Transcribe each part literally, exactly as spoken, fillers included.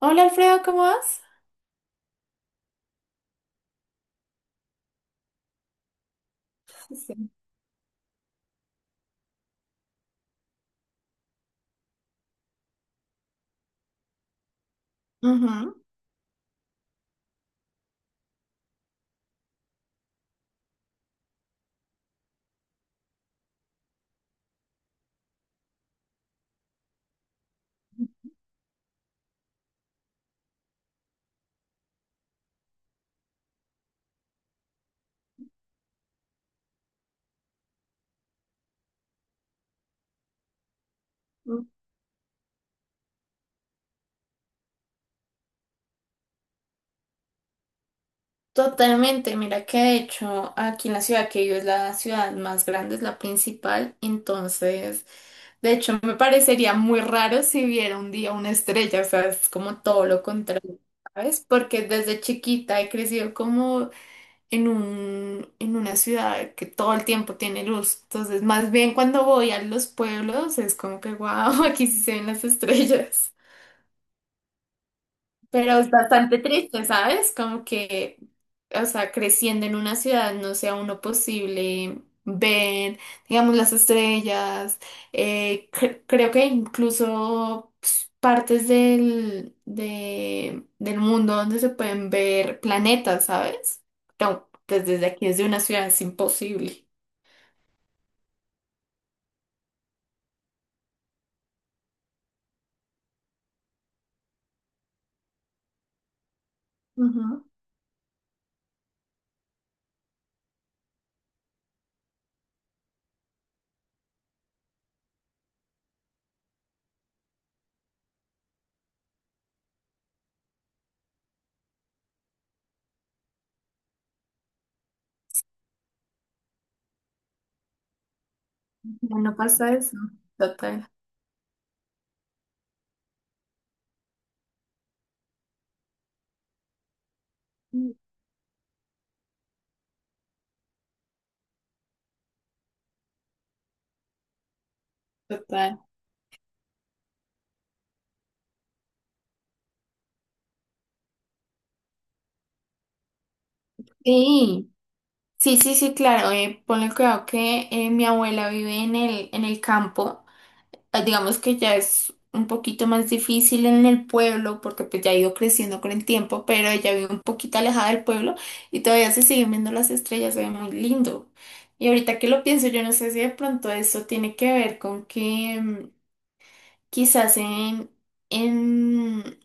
Hola Alfredo, ¿cómo vas? Sí. Ujú. Totalmente, mira que de hecho aquí en la ciudad que vivo es la ciudad más grande, es la principal, entonces de hecho me parecería muy raro si viera un día una estrella, o sea, es como todo lo contrario, ¿sabes? Porque desde chiquita he crecido como en un, en una ciudad que todo el tiempo tiene luz, entonces más bien cuando voy a los pueblos es como que wow, aquí sí se ven las estrellas. Pero es bastante triste, ¿sabes? Como que, o sea, creciendo en una ciudad no sea uno posible ver, digamos, las estrellas. Eh, cre- creo que incluso pues, partes del, de- del mundo donde se pueden ver planetas, ¿sabes? No, pues desde aquí, desde una ciudad es imposible. Ujú. Ya no pasa eso. Total. Total. Sí. Sí, sí, sí, claro. Eh, ponle cuidado que eh, mi abuela vive en el, en el campo. Eh, digamos que ya es un poquito más difícil en el pueblo porque pues ya ha ido creciendo con el tiempo, pero ella vive un poquito alejada del pueblo y todavía se siguen viendo las estrellas, se ve muy lindo. Y ahorita que lo pienso, yo no sé si de pronto eso tiene que ver con que... mm, quizás en, en,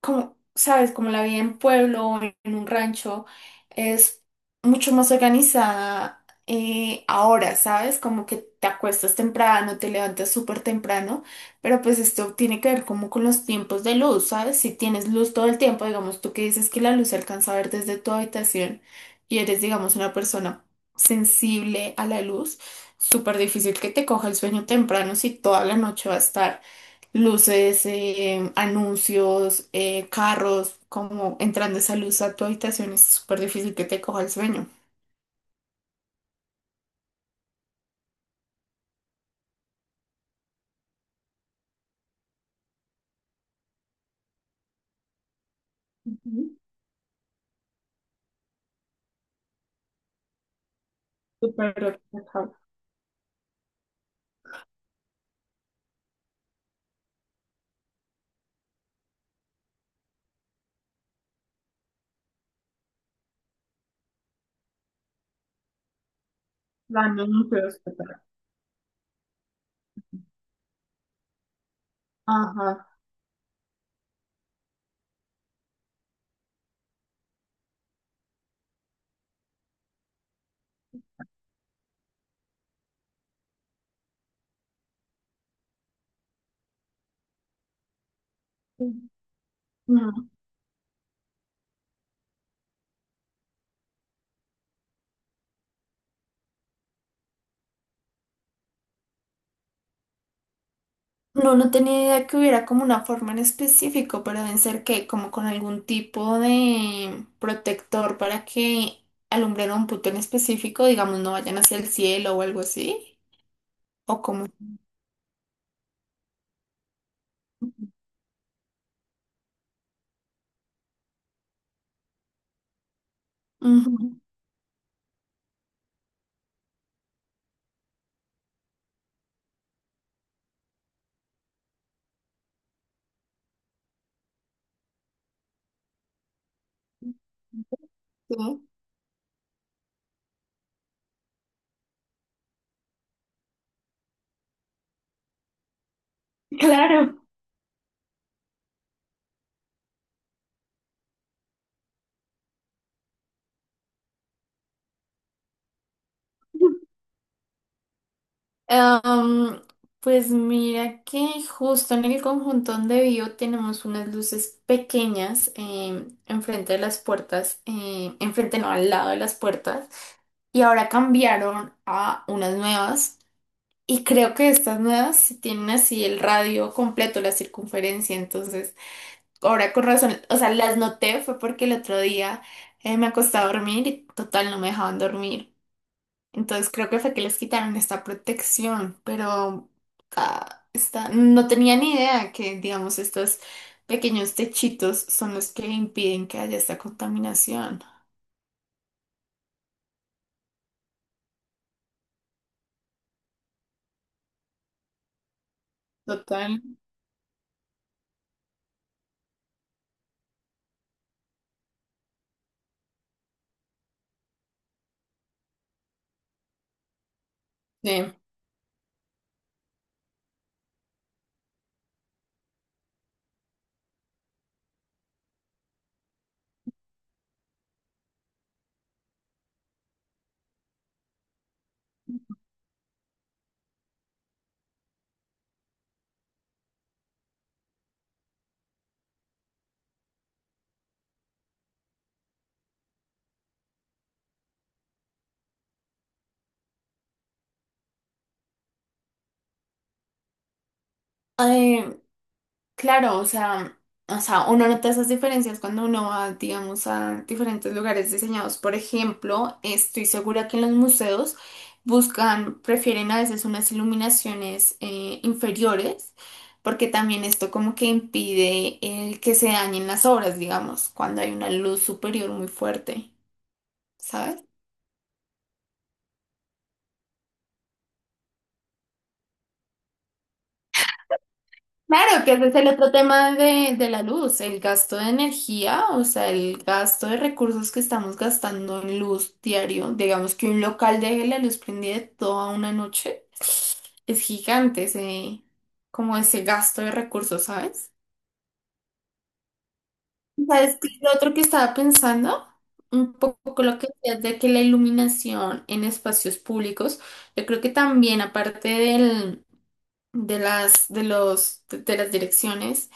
como, sabes, como la vida en pueblo o en un rancho es mucho más organizada eh, ahora, ¿sabes? Como que te acuestas temprano, te levantas súper temprano, pero pues esto tiene que ver como con los tiempos de luz, ¿sabes? Si tienes luz todo el tiempo, digamos, tú que dices que la luz se alcanza a ver desde tu habitación y eres, digamos, una persona sensible a la luz, súper difícil que te coja el sueño temprano si toda la noche va a estar luces, eh, anuncios, eh, carros, como entrando esa luz a tu habitación es súper difícil que te coja el sueño. Ujú. Súper complicado. Dando anuncios, etcétera. Ajá. No. No, no tenía idea que hubiera como una forma en específico, pero deben ser que como con algún tipo de protector para que alumbren un punto en específico, digamos, no vayan hacia el cielo o algo así, o como... Ujú. Sí. Claro. Am, pues mira que justo en el conjunto donde vivo tenemos unas luces pequeñas eh, enfrente de las puertas, eh, enfrente no, al lado de las puertas, y ahora cambiaron a unas nuevas y creo que estas nuevas sí tienen así el radio completo, la circunferencia, entonces ahora con razón, o sea, las noté fue porque el otro día eh, me acosté a dormir y total no me dejaban dormir. Entonces creo que fue que les quitaron esta protección, pero ah, está- no tenía ni idea que, digamos, estos pequeños techitos son los que impiden que haya esta contaminación. Total. Sí. Claro, o sea, o sea, uno nota esas diferencias cuando uno va, digamos, a diferentes lugares diseñados. Por ejemplo, estoy segura que en los museos buscan, prefieren a veces unas iluminaciones eh, inferiores, porque también esto como que impide el que se dañen las obras, digamos, cuando hay una luz superior muy fuerte, ¿sabes? Claro, que ese es el otro tema de, de la luz, el gasto de energía, o sea, el gasto de recursos que estamos gastando en luz diario. Digamos que un local deje la luz prendida toda una noche. Es gigante ese, como ese gasto de recursos, ¿sabes? ¿Sabes qué? Es lo otro que estaba pensando, un poco lo que decías de que la iluminación en espacios públicos, yo creo que también aparte del, de las, de los, de las direcciones,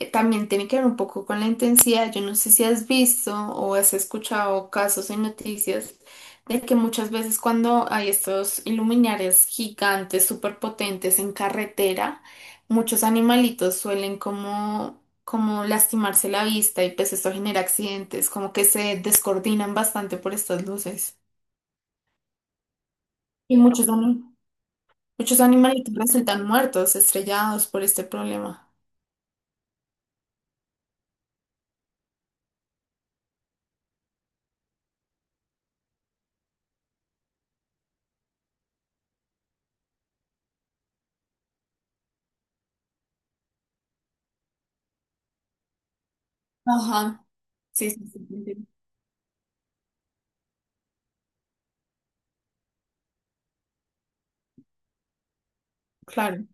eh, también tiene que ver un poco con la intensidad. Yo no sé si has visto o has escuchado casos en noticias de que muchas veces cuando hay estos iluminares gigantes, súper potentes en carretera, muchos animalitos suelen como, como lastimarse la vista y pues esto genera accidentes, como que se descoordinan bastante por estas luces. Y muchos, ani- muchos animalitos resultan muertos, estrellados por este problema. Ajá, sí, sí, sí, sí, sí. Claro.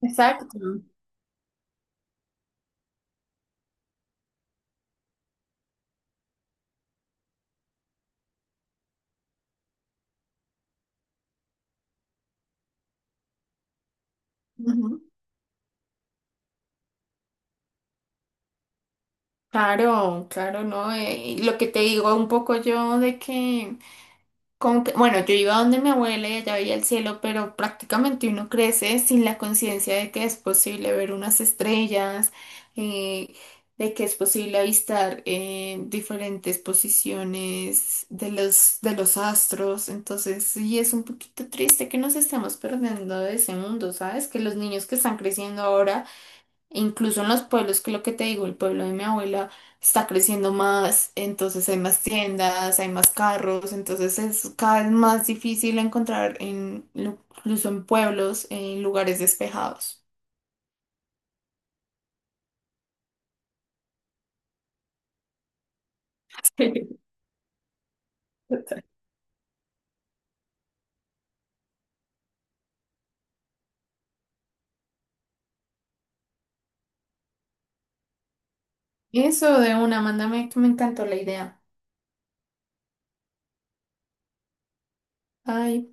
Exacto. Ujú. Claro, claro, ¿no? Eh, y lo que te digo un poco yo de que, como que, bueno, yo iba donde mi abuela y allá veía el cielo, pero prácticamente uno crece sin la conciencia de que es posible ver unas estrellas, eh, de que es posible avistar eh, diferentes posiciones de los, de los astros. Entonces, sí, es un poquito triste que nos estemos perdiendo de ese mundo, ¿sabes? Que los niños que están creciendo ahora e incluso en los pueblos, que es lo que te digo, el pueblo de mi abuela está creciendo más, entonces hay más tiendas, hay más carros, entonces es cada vez más difícil encontrar en, lu- incluso en pueblos, en lugares despejados. Sí, total. Eso de una, mándame que me encantó la idea. Ay.